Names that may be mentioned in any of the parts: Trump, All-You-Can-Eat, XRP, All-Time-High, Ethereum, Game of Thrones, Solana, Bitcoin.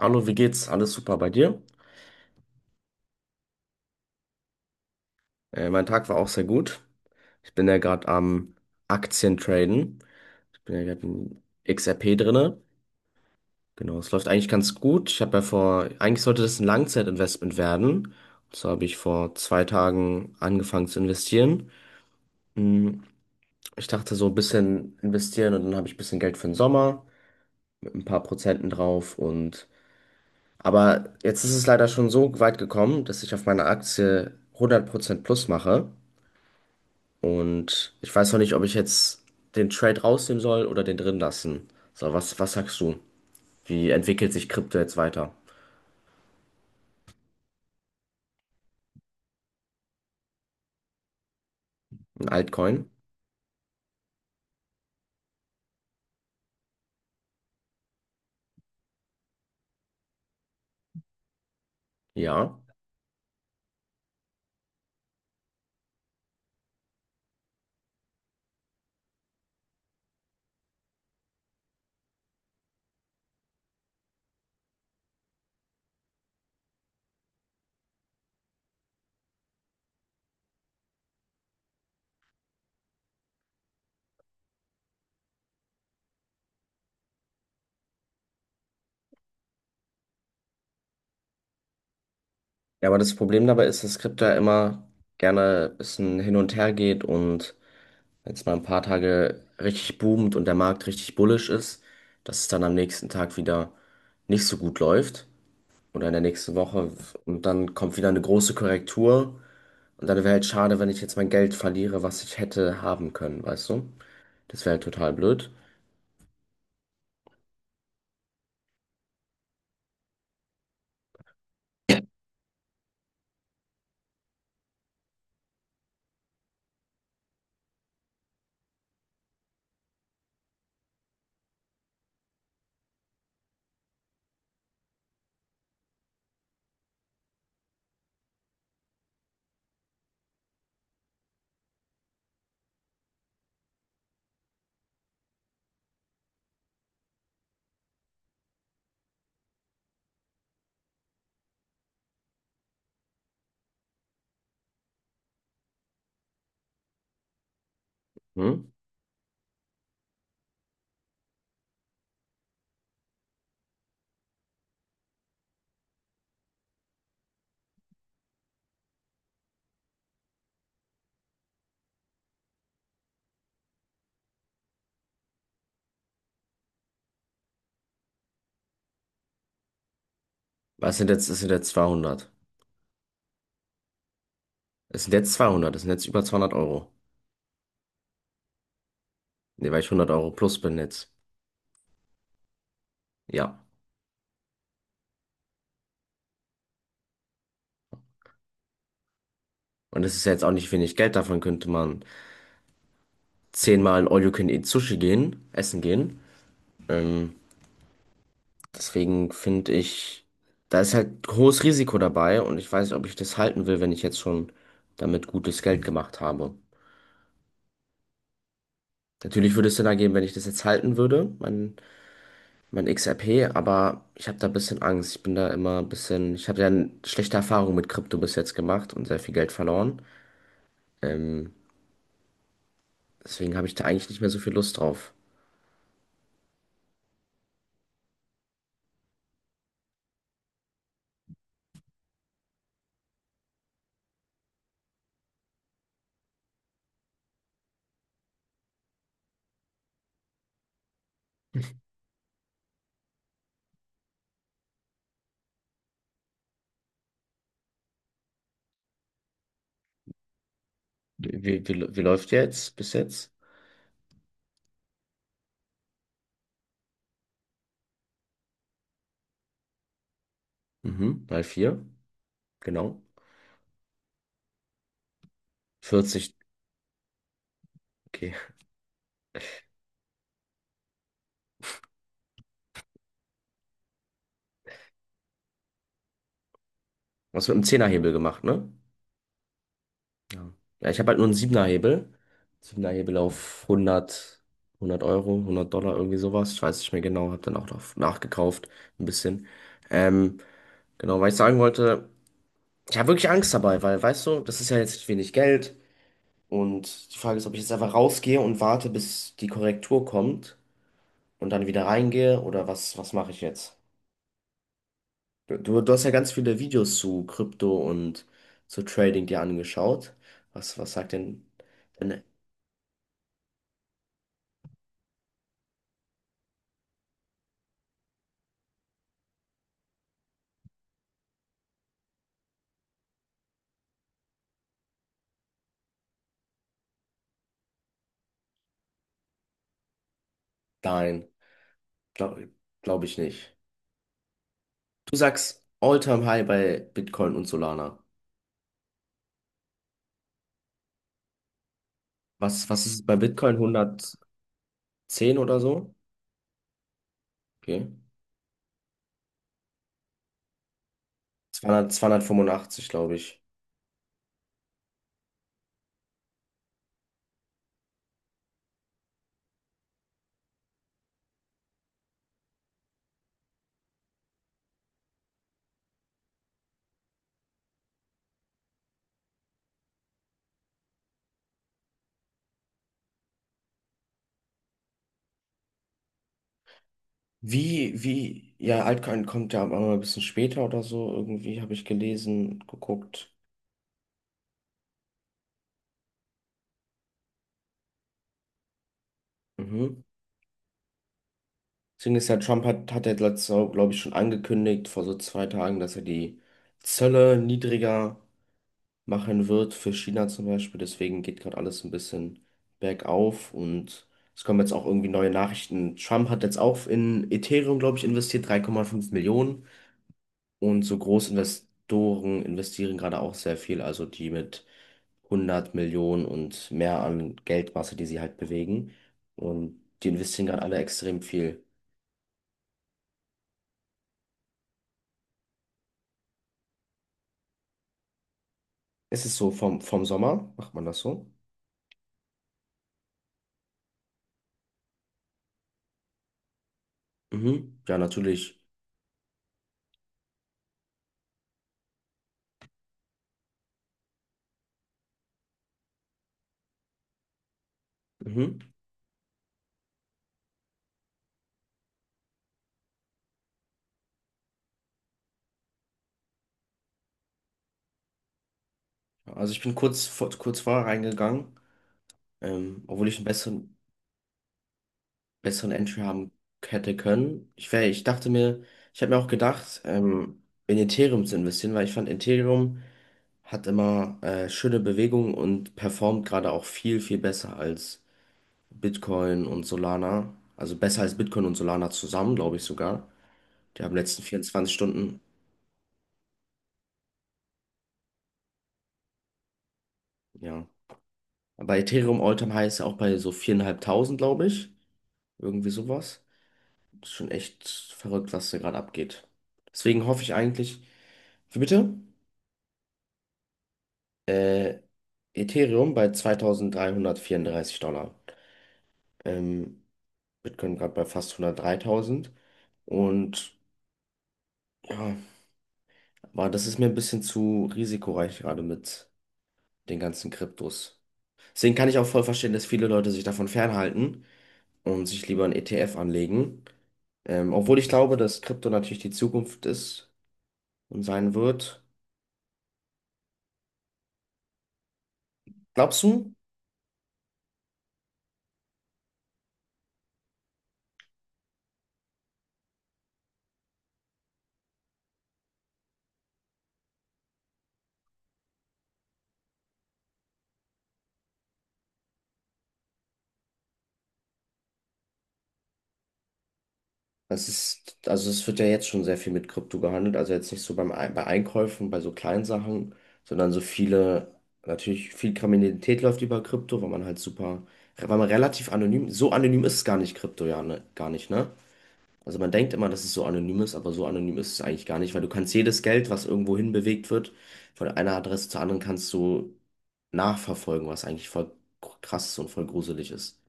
Hallo, wie geht's? Alles super bei dir? Mein Tag war auch sehr gut. Ich bin ja gerade am Aktientraden. Ich bin ja gerade in XRP drinne. Genau, es läuft eigentlich ganz gut. Ich habe ja vor, eigentlich sollte das ein Langzeitinvestment werden. Und so habe ich vor 2 Tagen angefangen zu investieren. Hm, Ich dachte so ein bisschen investieren, und dann habe ich ein bisschen Geld für den Sommer mit ein paar Prozenten drauf, und aber jetzt ist es leider schon so weit gekommen, dass ich auf meine Aktie 100% plus mache. Und ich weiß noch nicht, ob ich jetzt den Trade rausnehmen soll oder den drin lassen. So, was sagst du? Wie entwickelt sich Krypto jetzt weiter? Ein Altcoin? Ja. Ja, aber das Problem dabei ist, dass Krypto ja immer gerne ein bisschen hin und her geht, und wenn es mal ein paar Tage richtig boomt und der Markt richtig bullish ist, dass es dann am nächsten Tag wieder nicht so gut läuft oder in der nächsten Woche, und dann kommt wieder eine große Korrektur, und dann wäre halt schade, wenn ich jetzt mein Geld verliere, was ich hätte haben können, weißt du? Das wäre halt total blöd. Hm? Was sind jetzt, es sind jetzt 200. Es sind jetzt 200, es sind jetzt über 200 Euro. Ne, weil ich 100 € plus bin jetzt. Ja. Und das ist ja jetzt auch nicht wenig Geld, davon könnte man zehnmal in All-You-Can-Eat Sushi gehen, essen gehen. Ähm, Deswegen finde ich, da ist halt hohes Risiko dabei, und ich weiß nicht, ob ich das halten will, wenn ich jetzt schon damit gutes Geld gemacht habe. Natürlich würde es Sinn ergeben, wenn ich das jetzt halten würde, mein XRP, aber ich habe da ein bisschen Angst. Ich bin da immer ein bisschen, ich habe ja schlechte Erfahrungen mit Krypto bis jetzt gemacht und sehr viel Geld verloren. Ähm, Deswegen habe ich da eigentlich nicht mehr so viel Lust drauf. Wie läuft jetzt bis jetzt? Mhm, mal vier, genau. 40, okay. Was mit dem Zehnerhebel gemacht, ne? Ja. Ja, ich habe halt nur einen Siebenerhebel. Siebenerhebel auf 100, 100 Euro, 100 Dollar, irgendwie sowas. Ich weiß nicht mehr genau, habe dann auch noch nachgekauft, ein bisschen. Ähm, genau, weil ich sagen wollte. Ich habe wirklich Angst dabei, weil, weißt du, das ist ja jetzt wenig Geld, und die Frage ist, ob ich jetzt einfach rausgehe und warte, bis die Korrektur kommt und dann wieder reingehe, oder was, was mache ich jetzt? Du hast ja ganz viele Videos zu Krypto und zu Trading dir angeschaut. Was sagt denn, denn dein? Glaube glaub ich nicht. Du sagst All-Time-High bei Bitcoin und Solana. Was, was ist es bei Bitcoin? 110 oder so? Okay. 200, 285, glaube ich. Ja, Altcoin kommt ja immer ein bisschen später oder so, irgendwie habe ich gelesen, geguckt. Mhm. Deswegen ist ja Trump hat, hat er letztes Jahr, glaube ich, schon angekündigt, vor so 2 Tagen, dass er die Zölle niedriger machen wird für China zum Beispiel. Deswegen geht gerade alles ein bisschen bergauf, und es kommen jetzt auch irgendwie neue Nachrichten. Trump hat jetzt auch in Ethereum, glaube ich, investiert, 3,5 Millionen. Und so Großinvestoren investieren gerade auch sehr viel, also die mit 100 Millionen und mehr an Geldmasse, die sie halt bewegen. Und die investieren gerade alle extrem viel. Ist es so vom, vom Sommer? Macht man das so? Mhm. Ja, natürlich. Mhm. Also ich bin kurz vorher reingegangen, obwohl ich einen besseren Entry haben hätte können. Ich dachte mir, ich habe mir auch gedacht, in Ethereum zu investieren, weil ich fand Ethereum hat immer schöne Bewegungen und performt gerade auch viel, viel besser als Bitcoin und Solana. Also besser als Bitcoin und Solana zusammen, glaube ich sogar. Die haben letzten 24 Stunden, ja. Bei Ethereum all heißt auch bei so 4.500, glaube ich. Irgendwie sowas. Das ist schon echt verrückt, was da gerade abgeht. Deswegen hoffe ich eigentlich, wie bitte? Äh, Ethereum bei 2334 Dollar. Ähm, Bitcoin gerade bei fast 103.000. Und ja, aber das ist mir ein bisschen zu risikoreich gerade mit den ganzen Kryptos. Deswegen kann ich auch voll verstehen, dass viele Leute sich davon fernhalten und sich lieber einen ETF anlegen. Obwohl ich glaube, dass Krypto natürlich die Zukunft ist und sein wird. Glaubst du? Es ist, also es wird ja jetzt schon sehr viel mit Krypto gehandelt. Also jetzt nicht so bei Einkäufen, bei so kleinen Sachen, sondern so viele, natürlich viel Kriminalität läuft über Krypto, weil man halt super, weil man relativ anonym, so anonym ist es gar nicht Krypto, ja, ne, gar nicht, ne? Also man denkt immer, dass es so anonym ist, aber so anonym ist es eigentlich gar nicht, weil du kannst jedes Geld, was irgendwo hin bewegt wird, von einer Adresse zur anderen kannst du nachverfolgen, was eigentlich voll krass ist und voll gruselig ist.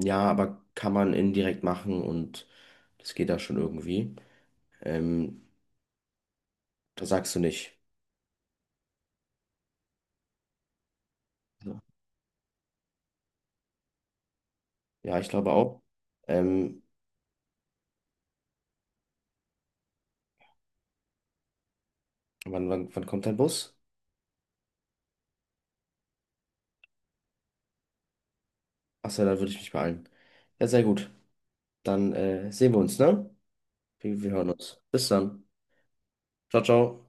Ja, aber kann man indirekt machen, und das geht da schon irgendwie. Ähm, Da sagst du nicht. So. Ja, ich glaube auch. Ähm, wann kommt dein Bus? Achso, dann würde ich mich beeilen. Ja, sehr gut. Dann sehen wir uns, ne? Wir hören uns. Bis dann. Ciao, ciao.